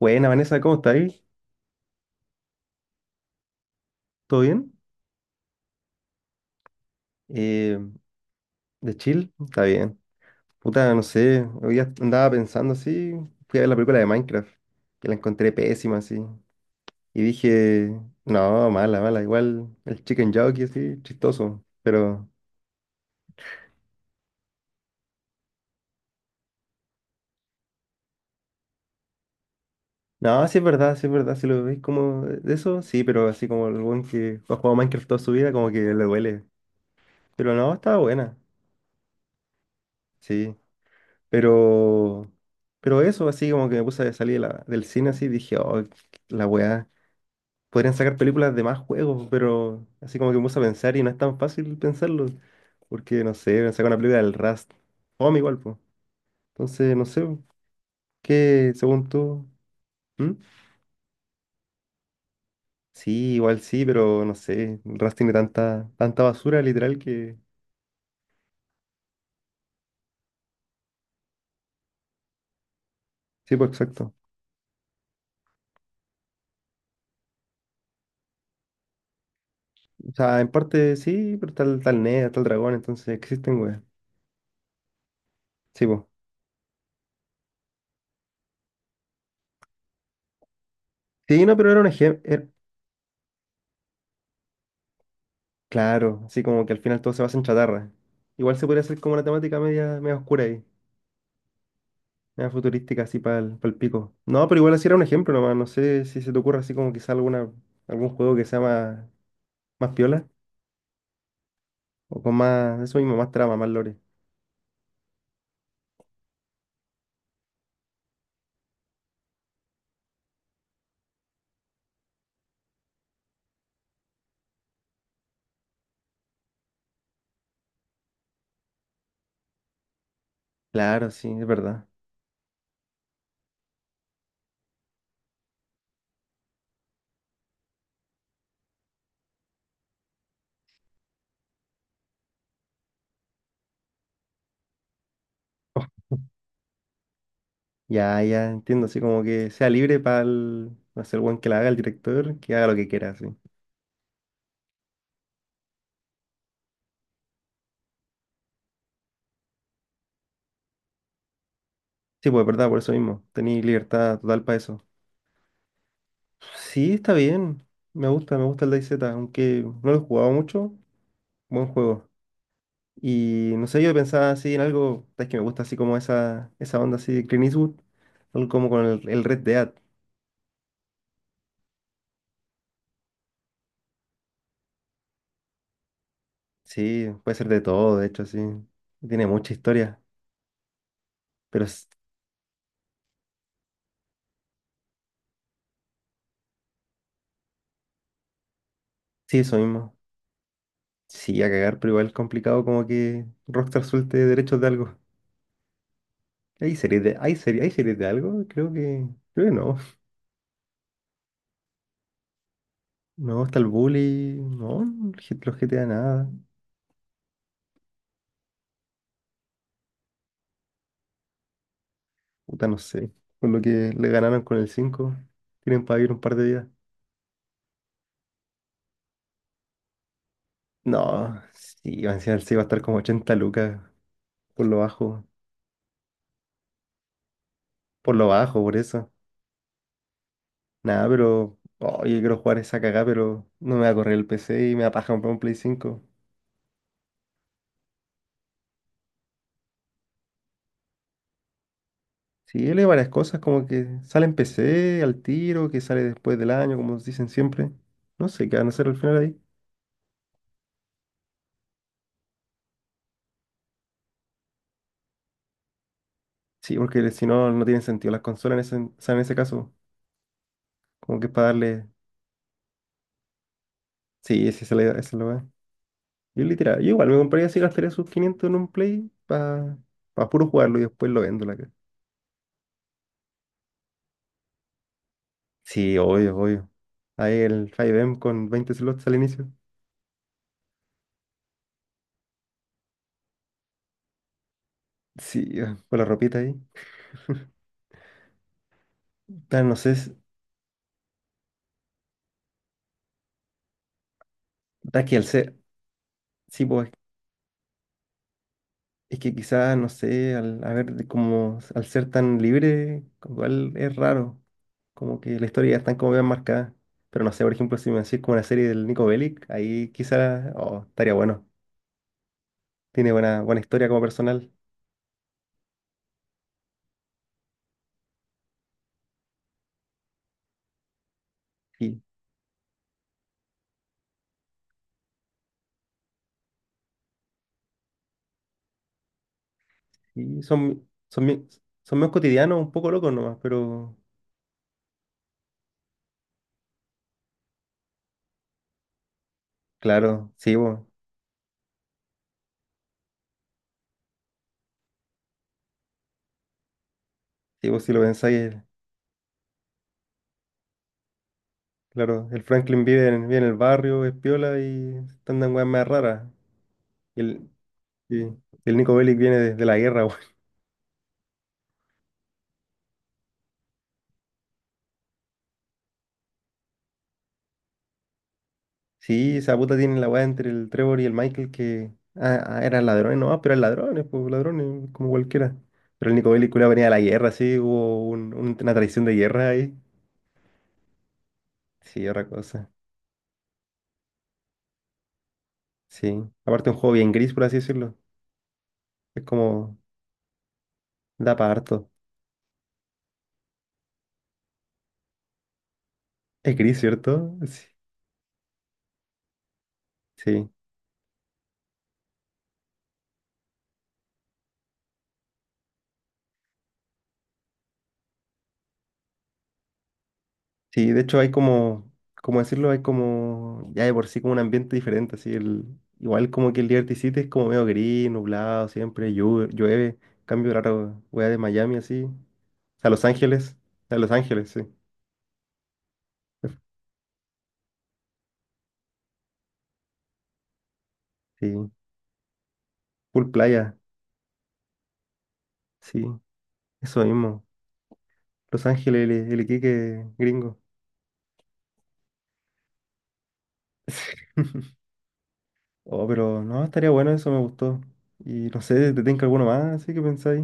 Buena, Vanessa, ¿cómo estáis? ¿Todo bien? Eh, ¿De chill? Está bien. Puta, no sé, hoy día andaba pensando así, fui a ver la película de Minecraft, que la encontré pésima así, y dije, no, mala, mala, igual el chicken jockey así, chistoso, pero no, sí es verdad, si lo veis como de eso, sí, pero así como el buen que ha jugado Minecraft toda su vida, como que le duele, pero no, estaba buena, sí. Pero, pero eso, así como que me puse a salir de del cine así, dije, oh, la weá, podrían sacar películas de más juegos, pero así como que me puse a pensar y no es tan fácil pensarlo, porque no sé, sacar una película del Rust, fome igual, pues. Entonces, no sé, ¿qué según tú? ¿Mm? Sí, igual sí, pero no sé, el Rust tiene tanta basura literal que... Sí, pues exacto. O sea, en parte sí, pero tal Ned, tal Dragón, entonces existen, weá. Sí, pues. Sí, no, pero era un ejemplo. Claro, así como que al final todo se basa en chatarra. Igual se podría hacer como una temática media oscura ahí, media futurística así para el, pico. No, pero igual así era un ejemplo nomás, no sé si se te ocurre así como quizá alguna, algún juego que sea más piola o con más, eso mismo, más trama, más lore. Claro, sí, es verdad. Oh, ya, ya, entiendo, así como que sea libre para el, no sé, el buen que la haga, el director, que haga lo que quiera, sí. Sí, pues verdad, por eso mismo, tenéis libertad total para eso. Sí, está bien. Me gusta el DayZ, aunque no lo he jugado mucho, buen juego. Y no sé, yo pensaba así en algo, es que me gusta así como esa onda así de Clint Eastwood, algo como con el Red Dead. Sí, puede ser de todo, de hecho, sí. Tiene mucha historia, pero sí, eso mismo. Sí, a cagar, pero igual es complicado como que Rockstar suelte derechos de algo. ¿Hay series de, hay hay series de algo? Creo que no. No, está el Bully, no, los GTA nada. Puta, no sé. Con lo que le ganaron con el 5 tienen para vivir un par de días. No, sí, va a sí, va a estar como 80 lucas por lo bajo. Por lo bajo, por eso. Nada, pero. Oye, quiero jugar esa cagada, pero no me va a correr el PC y me va a paja comprar un Play cinco. Sí, él hay varias cosas, como que sale en PC al tiro, que sale después del año, como dicen siempre. No sé qué van a hacer al final ahí. Sí, porque si no, no tienen sentido las consolas en ese, o sea, en ese caso. Como que es para darle. Sí, sí, se le la idea, esa. Yo literal, yo igual me compraría así, gastaría sus 500 en un play para puro jugarlo y después lo vendo la cara. Sí, obvio, obvio. Ahí el 5M con 20 slots al inicio. Sí, ah, con la ropita ahí. Pero no sé, da que al ser, sí, pues es que quizás, no sé, al, a ver, de como al ser tan libre, igual es raro. Como que la historia ya está como bien marcada. Pero no sé, por ejemplo, si me decís como una serie del Nico Bellic, ahí quizás, oh, estaría bueno. Tiene buena historia como personal. Y Y son, son, bien- son menos cotidianos, un poco locos nomás, pero claro, sí, vos si lo pensáis, claro, el Franklin vive en, vive en el barrio, es piola y andan weas más raras. Y el, y el Nico Bellic viene de la guerra, weón. Sí, esa puta tiene la wea entre el Trevor y el Michael que eran ladrones nomás, pero eran ladrones, pues ladrones, como cualquiera. Pero el Nico Bellic culiao, venía de la guerra, sí, hubo una traición de guerra ahí. Sí, otra cosa. Sí. Aparte un juego bien gris, por así decirlo. Es como. Da para harto. Es gris, ¿cierto? Sí. Sí, Sí, de hecho hay como, como decirlo, hay como, ya de por sí como un ambiente diferente, así el, igual como que el Liberty City es como medio gris, nublado, siempre llueve. Cambio raro, wea de Miami así, a Los Ángeles, a Los Ángeles, sí. Sí, full playa, sí, eso mismo. Los Ángeles, el Iquique gringo. Oh, pero no, estaría bueno, eso me gustó. Y no sé, ¿te tengo alguno más? Así que pensáis.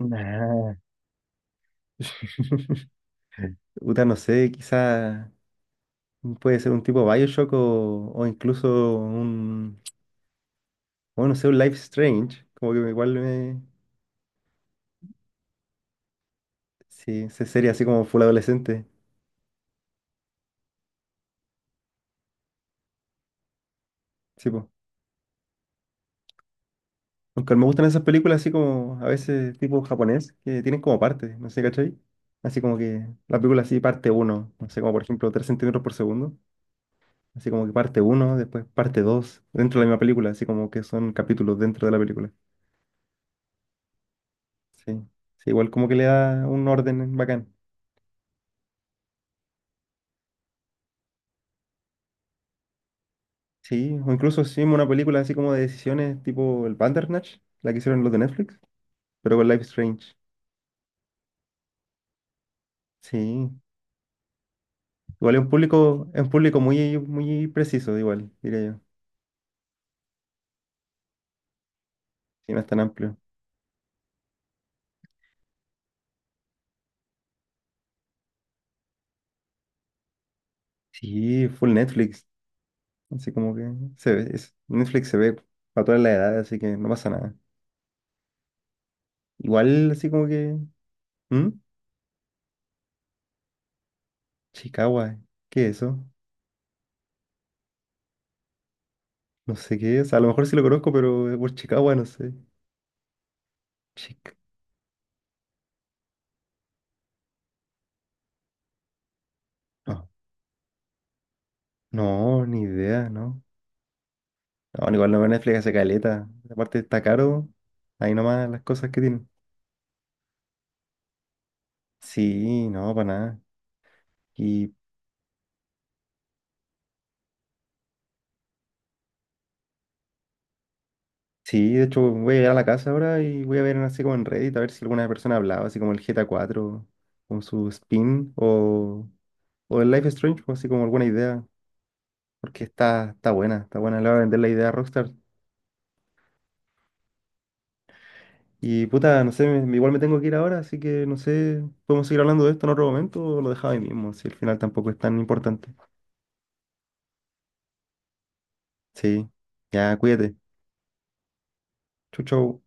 Nah. Uta, no sé, quizá puede ser un tipo Bioshock o incluso un, bueno, no sé, un Life Strange. Como que igual me, sí, sería así como full adolescente. Sí, po. Aunque me gustan esas películas así como a veces tipo japonés, que tienen como partes, no sé, ¿cachai? Así como que la película así parte uno, no sé, como por ejemplo 3 centímetros por segundo. Así como que parte uno, después parte 2 dentro de la misma película, así como que son capítulos dentro de la película. Sí, sí, igual como que le da un orden bacán. Sí, o incluso hicimos una película así como de decisiones tipo el Bandersnatch, la que hicieron los de Netflix, pero con Life is Strange. Sí, igual es un público muy preciso, igual, diría yo. Sí, no es tan amplio. Sí, full Netflix. Así como que se ve, Netflix se ve para todas las edades, así que no pasa nada. Igual así como que. ¿Mm? Chicago, ¿qué es eso? No sé qué es. A lo mejor sí lo conozco, pero es por Chicago, no sé. Chic. No, no, ni idea, ¿no? No, igual no veo Netflix hace caleta. Aparte está caro, ahí nomás las cosas que tienen. Sí, no, para nada. Y sí, de hecho voy a llegar a la casa ahora y voy a ver así como en Reddit a ver si alguna persona hablaba así como el GTA 4, con su spin, o el Life is Strange, pues, así como alguna idea. Porque está, está buena, le va a vender la idea a Rockstar. Y puta, no sé, igual me tengo que ir ahora, así que no sé, podemos seguir hablando de esto en otro momento o lo dejaba ahí mismo, si al final tampoco es tan importante. Sí, ya, cuídate. Chau, chau.